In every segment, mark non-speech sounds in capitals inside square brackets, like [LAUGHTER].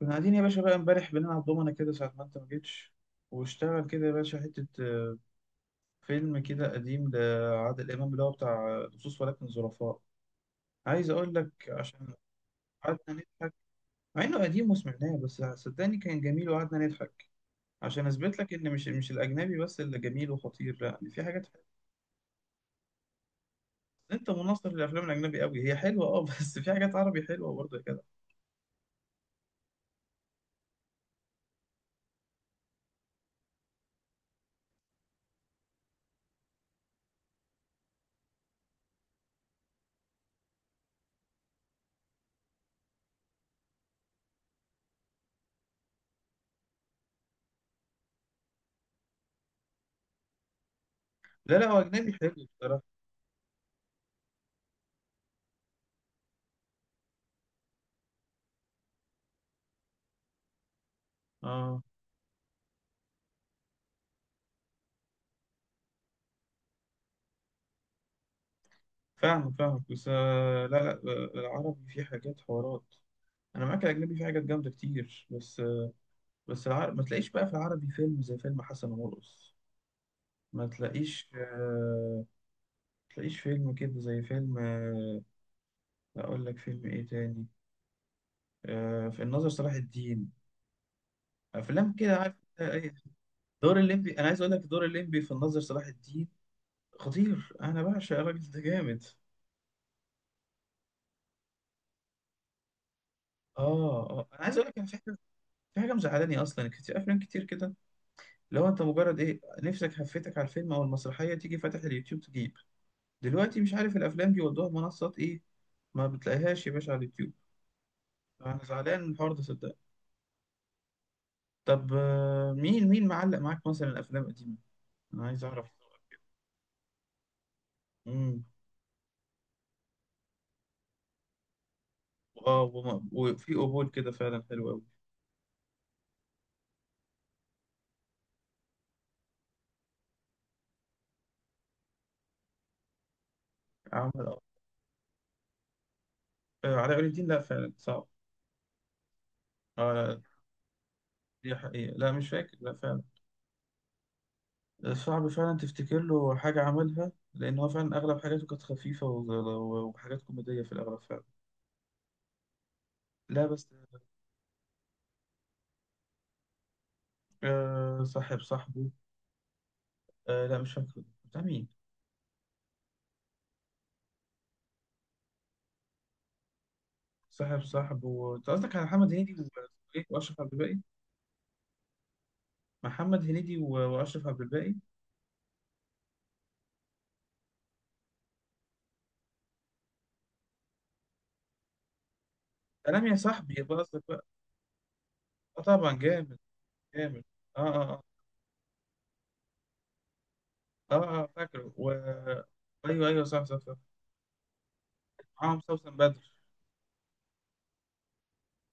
كنا قاعدين يا باشا بقى امبارح بنلعب دومنا كده ساعة ما انت ما جيتش. واشتغل كده يا باشا حتة فيلم كده قديم لعادل إمام اللي هو بتاع لصوص ولكن ظرفاء. عايز أقول لك عشان قعدنا نضحك، مع إنه قديم وسمعناه، بس صدقني كان جميل وقعدنا نضحك، عشان أثبت لك إن مش الأجنبي بس اللي جميل وخطير، لا يعني في حاجات حلوة. أنت مناصر للأفلام الأجنبي قوي، هي حلوة أه [LAUGHS] بس في حاجات عربي حلوة برضه كده. لا هو أجنبي حلو بصراحة، أه. فاهمك فاهمك بس لا العربي فيه حاجات حوارات. انا معاك الاجنبي في حاجات جامده كتير، بس بس العر... ما تلاقيش بقى في العربي فيلم زي فيلم حسن ومرقص. ما تلاقيش آه... ما تلاقيش فيلم كده زي فيلم آه... اقول لك فيلم ايه تاني. آه... في الناظر صلاح الدين، افلام كده عارف؟ إيه. دور الليمبي، انا عايز اقول لك دور الليمبي في الناظر صلاح الدين خطير، انا بعشق الراجل ده جامد. اه اه، انا عايز اقول لك انا في حاجه، في حاجه مزعلاني اصلا. كتير افلام كتير كده لو انت مجرد ايه نفسك هفتك على الفيلم او المسرحيه، تيجي فاتح اليوتيوب تجيب دلوقتي، مش عارف الافلام دي والله منصات ايه، ما بتلاقيهاش يا باشا على اليوتيوب. انا زعلان من الحوار ده صدقني. طب مين مين معلق معاك مثلا الافلام القديمه؟ انا عايز اعرف. امم. اه وفي قبول كده فعلا حلو قوي. عمل علاء ولي الدين، لا فعلا صعب. اه لا، دي حقيقة، لا مش فاكر، لا فعلا. صعب فعلا تفتكر له حاجة عملها، لأن هو فعلا أغلب حاجاته كانت خفيفة وحاجات كوميدية في الأغلب فعلا. لا بس آه صاحب صاحبه. آه لا مش فاكره، ده مين؟ صاحب صاحب و... انت قصدك على محمد هنيدي و... إيه؟ واشرف عبد الباقي. محمد هنيدي و... واشرف عبد الباقي. سلام يا صاحبي، يبقى قصدك بقى. اه طبعا جامد، جامد. اه اه اه. اه فاكره و... ايوه ايوه، صح صح صح. معاهم سوسن بدر،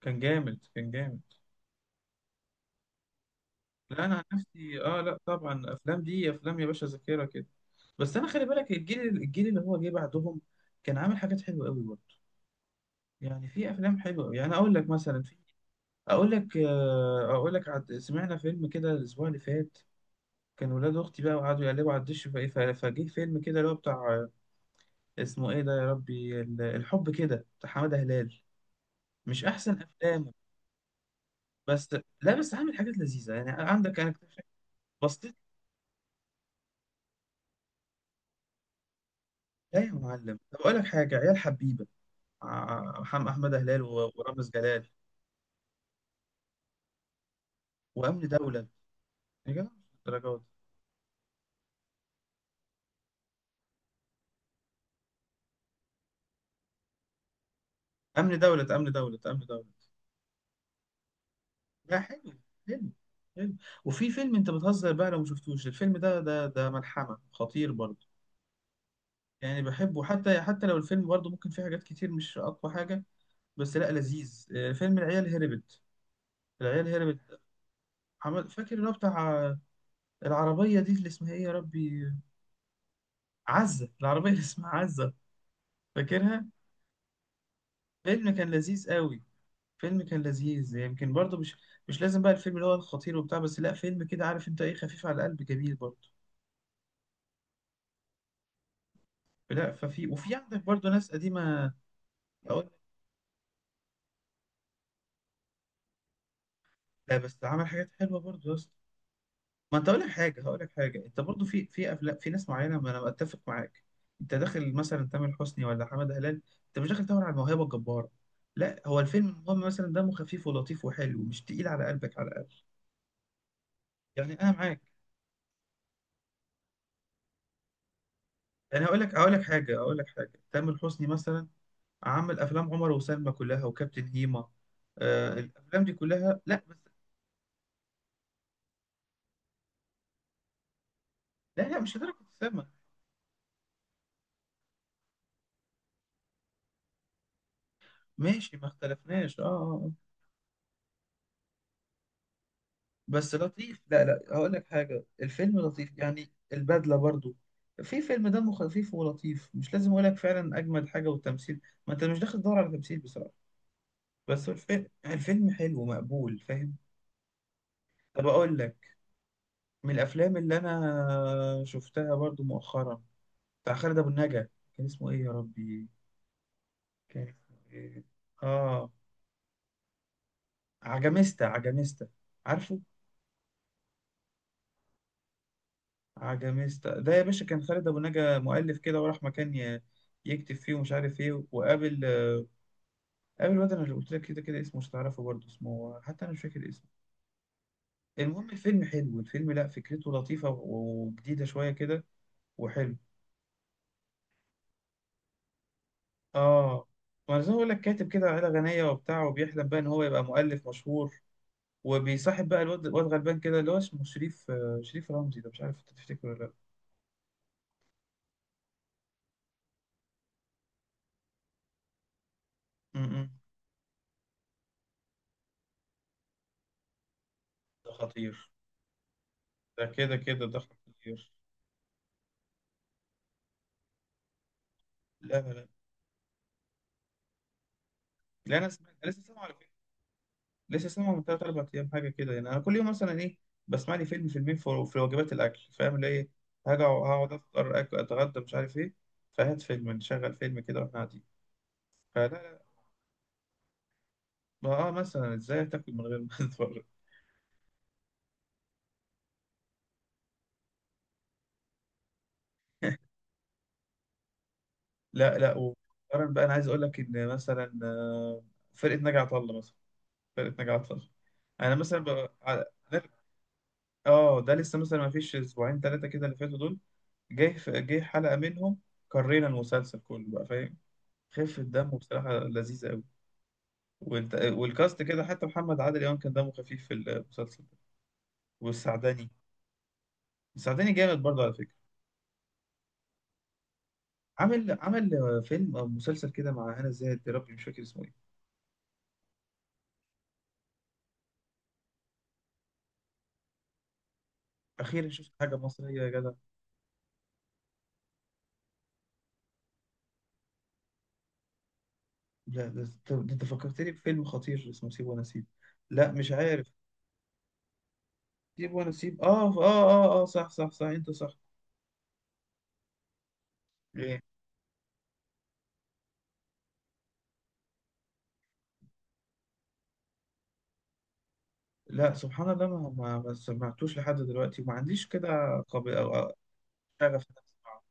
كان جامد كان جامد. لا انا عن نفسي اه، لا طبعا افلام دي افلام يا باشا ذاكره كده. بس انا خلي بالك الجيل، اللي هو جه بعدهم كان عامل حاجات حلوه قوي برضه. يعني في افلام حلوه، يعني اقول لك مثلا. في اقول لك اقول لك عد... سمعنا فيلم كده الاسبوع اللي فات، كان ولاد اختي بقى وقعدوا يقلبوا على الدش، فايه فجه فيلم كده اللي هو بتاع اسمه ايه ده يا ربي، الحب كده بتاع حماده هلال، مش احسن افلامه. بس لا بس عامل حاجات لذيذه، يعني عندك انا بصيت. لا يا معلم طب اقول لك حاجه، عيال حبيبه، محمد احمد هلال ورامز جلال. وامن دوله إيه؟ يا جدع مش الدرجات دي. امن دوله، امن دوله، امن دوله. لا حلو، حلو، حلو. وفي فيلم انت بتهزر بقى لو ما شفتوش الفيلم ده، ده ده ملحمة خطير برضه. يعني بحبه، حتى حتى لو الفيلم برضه ممكن فيه حاجات كتير مش اقوى حاجة، بس لا لذيذ، فيلم العيال هربت. العيال هربت. عمل فاكر اللي هو بتاع العربية دي اللي اسمها ايه يا ربي، عزة، العربية اللي اسمها عزة، فاكرها؟ فيلم كان لذيذ قوي، فيلم كان لذيذ، يمكن برضه مش لازم بقى الفيلم اللي هو الخطير وبتاع، بس لا فيلم كده عارف انت ايه، خفيف على القلب جميل برضه. لا ففي وفي عندك برضو ناس قديمة. أقول لك، لا بس عمل حاجات حلوة برضو يا اسطى. ما أنت أقول لك حاجة، هقول لك حاجة، أنت برضو في أفلام في ناس معينة، ما أنا أتفق معاك. أنت داخل مثلا تامر حسني ولا حمد هلال، أنت مش داخل تدور على الموهبة الجبارة، لا هو الفيلم المهم مثلا دمه خفيف ولطيف وحلو، مش تقيل على قلبك على الأقل. يعني أنا معاك. يعني هقول لك، هقول لك حاجة، هقول لك حاجة، تامر حسني مثلا عمل أفلام عمر وسلمى كلها وكابتن هيما. آه الأفلام دي كلها، لا بس لا لا مش لدرجة. سلمى، ماشي، ما اختلفناش اه بس لطيف، لا لا هقول لك حاجة، الفيلم لطيف يعني. البدلة برضو، في فيلم دمه خفيف ولطيف، مش لازم اقول لك فعلا اجمل حاجة والتمثيل. ما انت مش داخل تدور على تمثيل بصراحة، بس الفيلم، الفيلم حلو مقبول فاهم؟ طب اقول لك، من الافلام اللي انا شفتها برضو مؤخرا بتاع خالد ابو النجا. كان اسمه ايه يا ربي؟ كان اسمه ايه؟ اه عجميستا، عجميستا، عارفه؟ عجميستا ده يا باشا كان خالد ابو نجا مؤلف كده، وراح مكان يكتب فيه ومش عارف ايه، وقابل قابل الواد انا اللي قلت لك كده، كده اسمه مش هتعرفه برضه، اسمه حتى انا مش فاكر اسمه. المهم الفيلم حلو، الفيلم لا فكرته لطيفه وجديده شويه كده، وحلو. اه ما أنا زي ما بقول لك، كاتب كده عيله غنيه وبتاع، وبيحلم بقى ان هو يبقى مؤلف مشهور، وبيصاحب بقى الواد، الواد غلبان كده اللي هو اسمه شريف، شريف رمزي ده، مش عارف انت تفتكره ولا لا. م- م. ده خطير، ده كده كده ده خطير. لا لا، انا سمعت، أنا لسه سامعه على فكره، لسه سامعه من ثلاث اربع ايام حاجه كده. يعني انا كل يوم مثلا ايه، بسمع لي فيلم فيلمين في وجبات الاكل فاهم اللي ايه، هاجي هقعد افطر اتغدى مش عارف ايه، فهات فيلم نشغل فيلم كده واحنا قاعدين. فلا لا، ما اه مثلا ازاي تاكل من غير ما [LAUGHS] تتفرج. لا لا، ومؤخرا بقى انا عايز اقول لك ان مثلا فرقه ناجي عطا الله مثلا، فرقه ناجي عطا الله، انا مثلا بقى اه ده لسه مثلا ما فيش اسبوعين ثلاثه كده اللي فاتوا دول، جه جه حلقه منهم، قرينا المسلسل كله بقى فاهم. خفة دمه بصراحه لذيذه قوي، وانت والكاست كده، حتى محمد عادل امام كان دمه خفيف في المسلسل ده، والسعداني. السعداني جامد برضه على فكره. عامل عامل فيلم او مسلسل كده مع هنا زاهد، يا ربي مش فاكر اسمه ايه. اخيرا شفت حاجه مصريه يا جدع. لا ده انت، ده أنت فكرتني بفيلم خطير اسمه سيب ونسيب. لا مش عارف. سيب ونسيب، اه اه اه اه، صح صح صح، انت صح. لا سبحان الله، ما سمعتوش لحد دلوقتي، وما عنديش كده قبل أو شغف إن أنا أسمعه.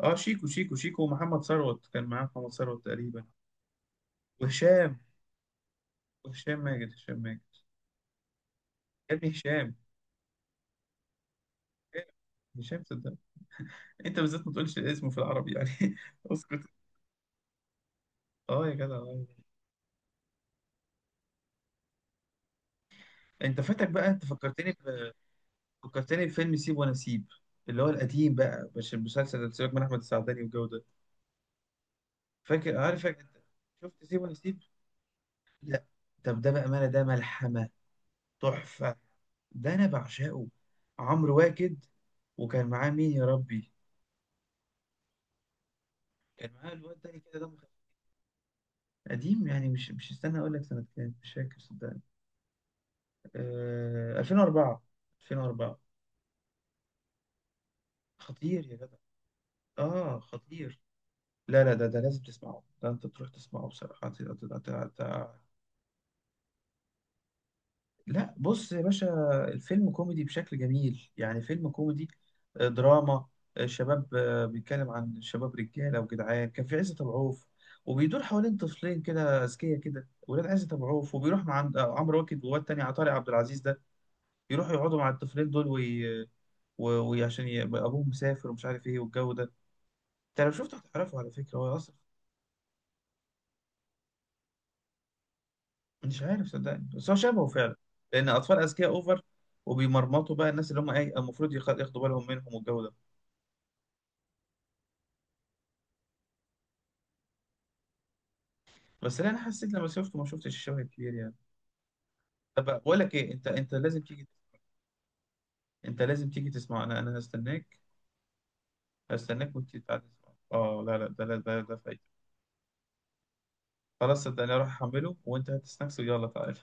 اه شيكو، شيكو ومحمد ثروت، كان معاه محمد ثروت تقريبا. وهشام، وهشام ماجد، هشام ماجد. يا ابني هشام، هشام صدق. انت بالذات ما تقولش اسمه في العربي يعني [LAUGHS] اسكت. اه يا جدع آه. انت فاتك بقى، انت فكرتني ب... فكرتني بفيلم سيب وانا سيب، اللي هو القديم بقى مش المسلسل اللي سيبك من احمد السعداني والجو ده، فاكر؟ عارف فاكر انت؟ شفت سيب وانا سيب؟ لا؟ طب ده بقى ماله، ده ملحمه، تحفة، ده أنا بعشقه. عمرو واكد، وكان معاه مين يا ربي؟ كان معاه الواد تاني كده ده قديم يعني، مش مش استنى أقول لك سنة كام، مش فاكر صدقني. آه 2004، 2004. خطير يا جدع، آه خطير. لا لا، ده ده لازم تسمعه، ده أنت تروح تسمعه بصراحة، لا بص يا باشا، الفيلم كوميدي بشكل جميل، يعني فيلم كوميدي دراما شباب، بيتكلم عن شباب رجاله وجدعان، كان في عزت ابو عوف، وبيدور حوالين طفلين كده اذكياء كده ولاد عزت ابو عوف، وبيروح مع عند عمرو واكد وواد تاني عطاري عبد العزيز ده، يروحوا يقعدوا مع الطفلين دول وي... وعشان ابوهم مسافر ومش عارف ايه والجو ده. انت لو شفته هتعرفه على فكره هو اصلا، مش عارف صدقني بس هو شبهه فعلا، لان اطفال اذكياء اوفر، وبيمرمطوا بقى الناس اللي هم ايه المفروض ياخدوا بالهم منهم والجو ده. بس لا انا حسيت لما شفته ما شفتش الشبه الكبير يعني. طب بقول لك ايه، انت انت لازم تيجي، انت لازم تيجي تسمعه، انا انا هستناك، هستناك وانت تعالى تسمعه، اه لا لا ده، لا ده ده فايدة. خلاص صدقني، اروح احمله وانت هات سناكس ويلا تعالى.